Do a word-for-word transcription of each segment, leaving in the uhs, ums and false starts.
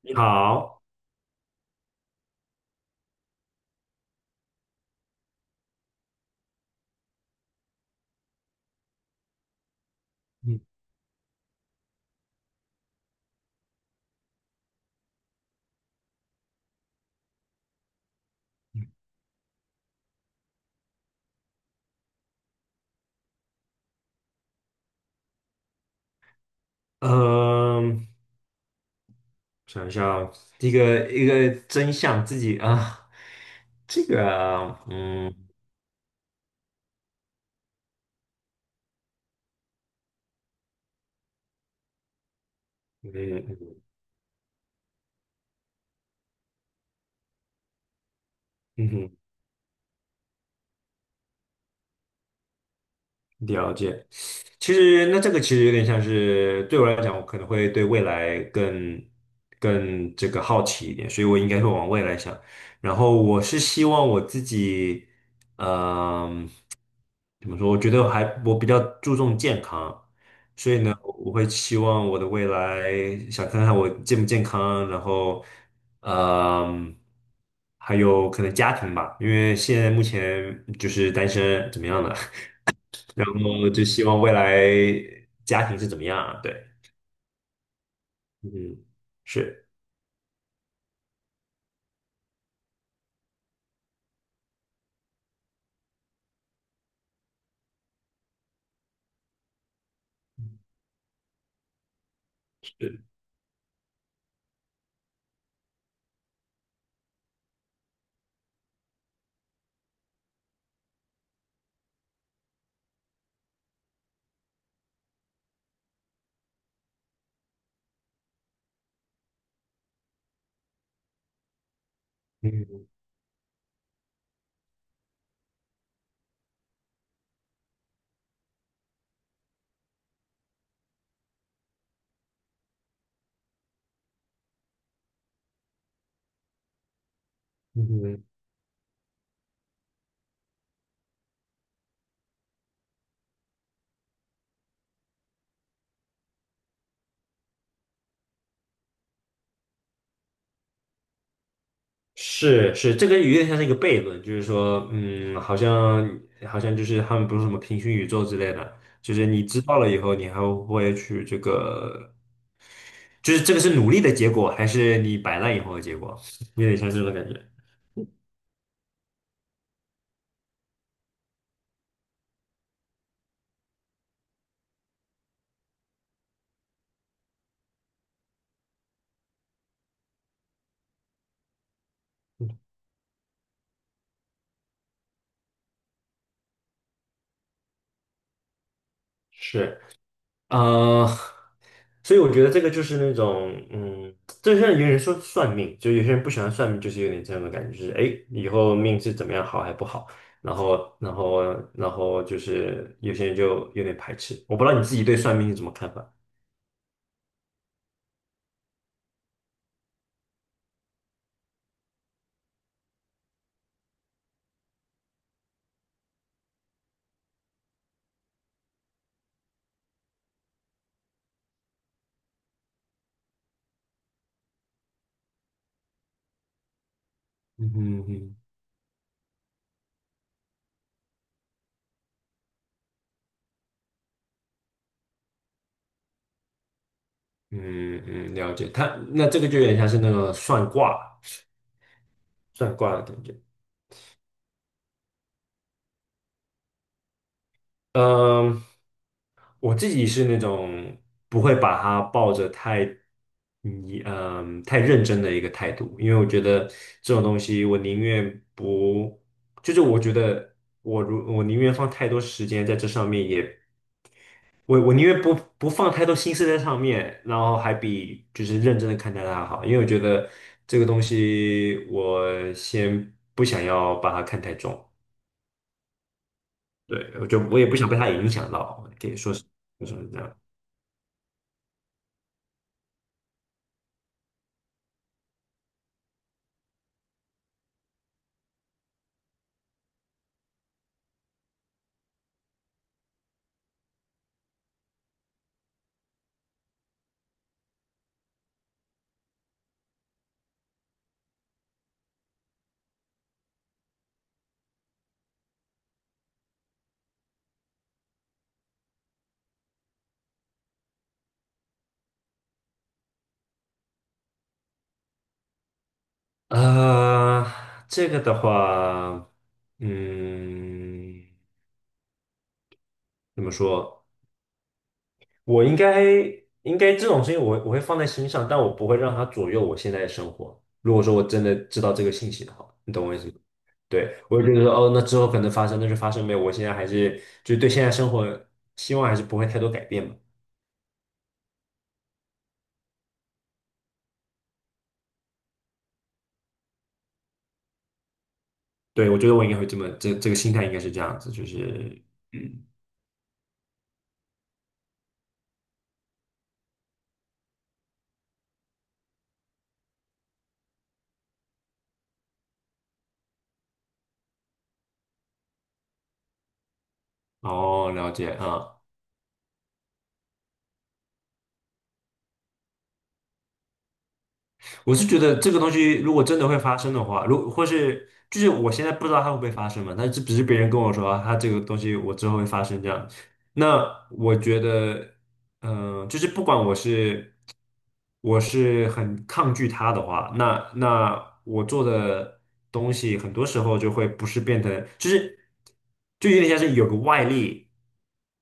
你好。嗯嗯。嗯，想一下哦一个一个真相自己啊，这个啊，嗯嗯嗯嗯哼，了解。其实那这个其实有点像是，对我来讲，我可能会对未来更更这个好奇一点，所以我应该会往未来想。然后我是希望我自己，嗯，怎么说？我觉得还我比较注重健康，我会期望我的未来，想看看我健不健康。然后，嗯，还有可能家庭吧，因为现在目前就是单身，怎么样的，然后就希望未来家庭是怎么样，啊？对。嗯，是。是。嗯，嗯哼。是是，这个有点像是一个悖论。就是说，嗯，好像好像就是，他们不是什么平行宇宙之类的，就是你知道了以后，你还会去这个，就是这个是努力的结果，还是你摆烂以后的结果，有点像是这种感觉。是。呃，所以我觉得这个就是那种，嗯，就像有人说算命，就有些人不喜欢算命，就是有点这样的感觉。就是哎，诶以后命是怎么样，好还不好，然后，然后，然后就是有些人就有点排斥。我不知道你自己对算命是怎么看法？嗯哼。嗯。嗯，嗯，了解。他那这个就有点像是那个算卦、算卦的感觉。嗯，我自己是那种不会把它抱着太你嗯太认真的一个态度，因为我觉得这种东西，我宁愿不，就是我觉得我如我宁愿放太多时间在这上面也，我我宁愿不不放太多心思在上面，然后还比就是认真的看待它好，因为我觉得这个东西我先不想要把它看太重。对，我就我也不想被它影响到，可以说是。就是这样。呃，这个的话，嗯，怎么说？我应该应该这种事情，我，我会放在心上，但我不会让它左右我现在的生活。如果说我真的知道这个信息的话，你懂我意思吗？对，我会觉得说，哦，那之后可能发生，那就发生呗。我现在还是就对现在生活希望还是不会太多改变嘛。对，我觉得我应该会这么，这这个心态应该是这样子，就是，嗯。哦，了解啊。我是觉得这个东西如果真的会发生的话，如或是就是我现在不知道它会不会发生嘛，但是只是别人跟我说啊，它这个东西我之后会发生这样。那我觉得，嗯、就是不管我是。我是很抗拒他的话，那那我做的东西很多时候就会不是变成，就是就有点像是有个外力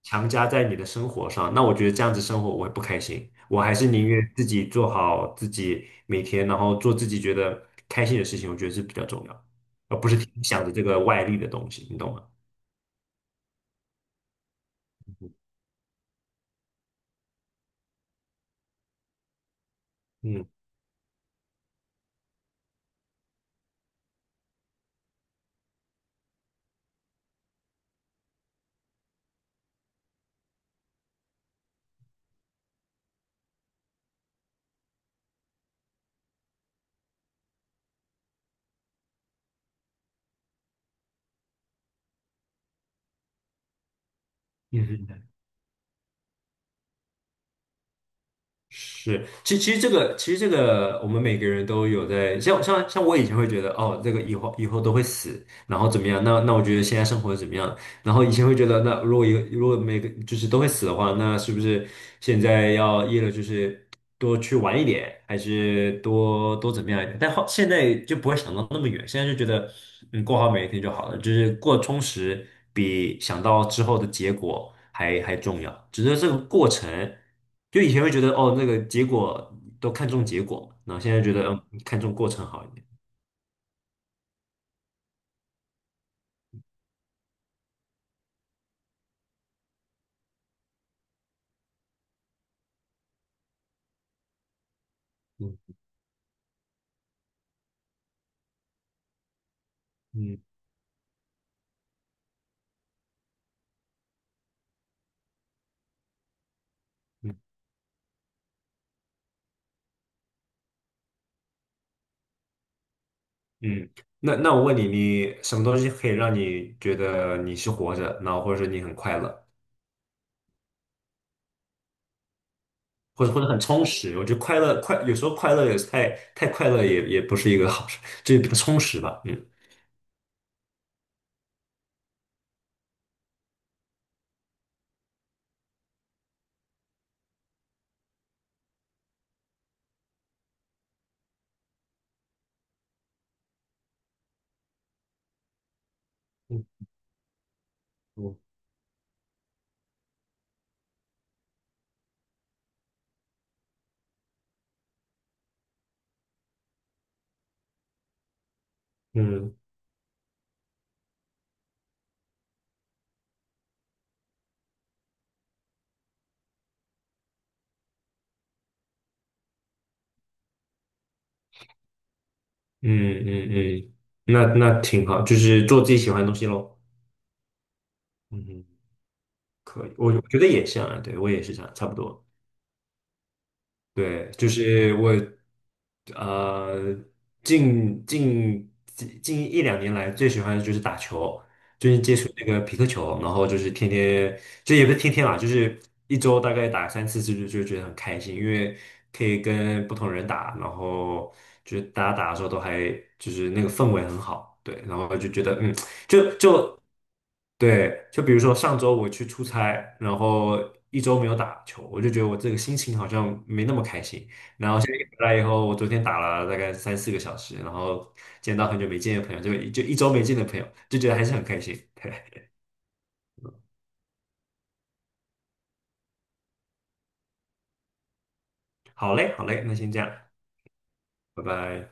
强加在你的生活上，那我觉得这样子生活我会不开心，我还是宁愿自己做好自己每天，然后做自己觉得开心的事情，我觉得是比较重要，而不是听想着这个外力的东西，你懂吗？嗯，嗯哼。是，其其实这个其实这个我们每个人都有在，像像像我以前会觉得哦，这个以后以后都会死，然后怎么样？那那我觉得现在生活怎么样？然后以前会觉得，那如果一个如果每个就是都会死的话，那是不是现在要一了，就是多去玩一点，还是多多怎么样一点？但后现在就不会想到那么远，现在就觉得嗯，过好每一天就好了，就是过充实比想到之后的结果还还重要。只是这个过程，就以前会觉得哦，那个结果都看重结果嘛，然后现在觉得嗯，看重过程好一点。嗯。嗯。嗯，嗯。那那我问你，你什么东西可以让你觉得你是活着，然后或者说你很快乐，或者或者很充实？我觉得快乐，快有时候快乐也是太，太快乐也也不是一个好事，就是比较充实吧。嗯。嗯。嗯。嗯。嗯。嗯。嗯。那那挺好，就是做自己喜欢的东西喽。嗯，可以。我我觉得也像啊，对我也是这样，差不多。对，就是我，呃，近近近一两年来最喜欢的就是打球，就是接触那个匹克球，然后就是天天，就也不是天天啦，就是一周大概打三四次，就就觉得很开心，因为可以跟不同人打，然后就是大家打的时候都还就是那个氛围很好。对，然后就觉得嗯，就就对，就比如说上周我去出差，然后一周没有打球，我就觉得我这个心情好像没那么开心。然后现在一回来以后，我昨天打了大概三四个小时，然后见到很久没见的朋友，就就一周没见的朋友，就觉得还是很开心。对，好嘞，好嘞，那先这样，拜拜。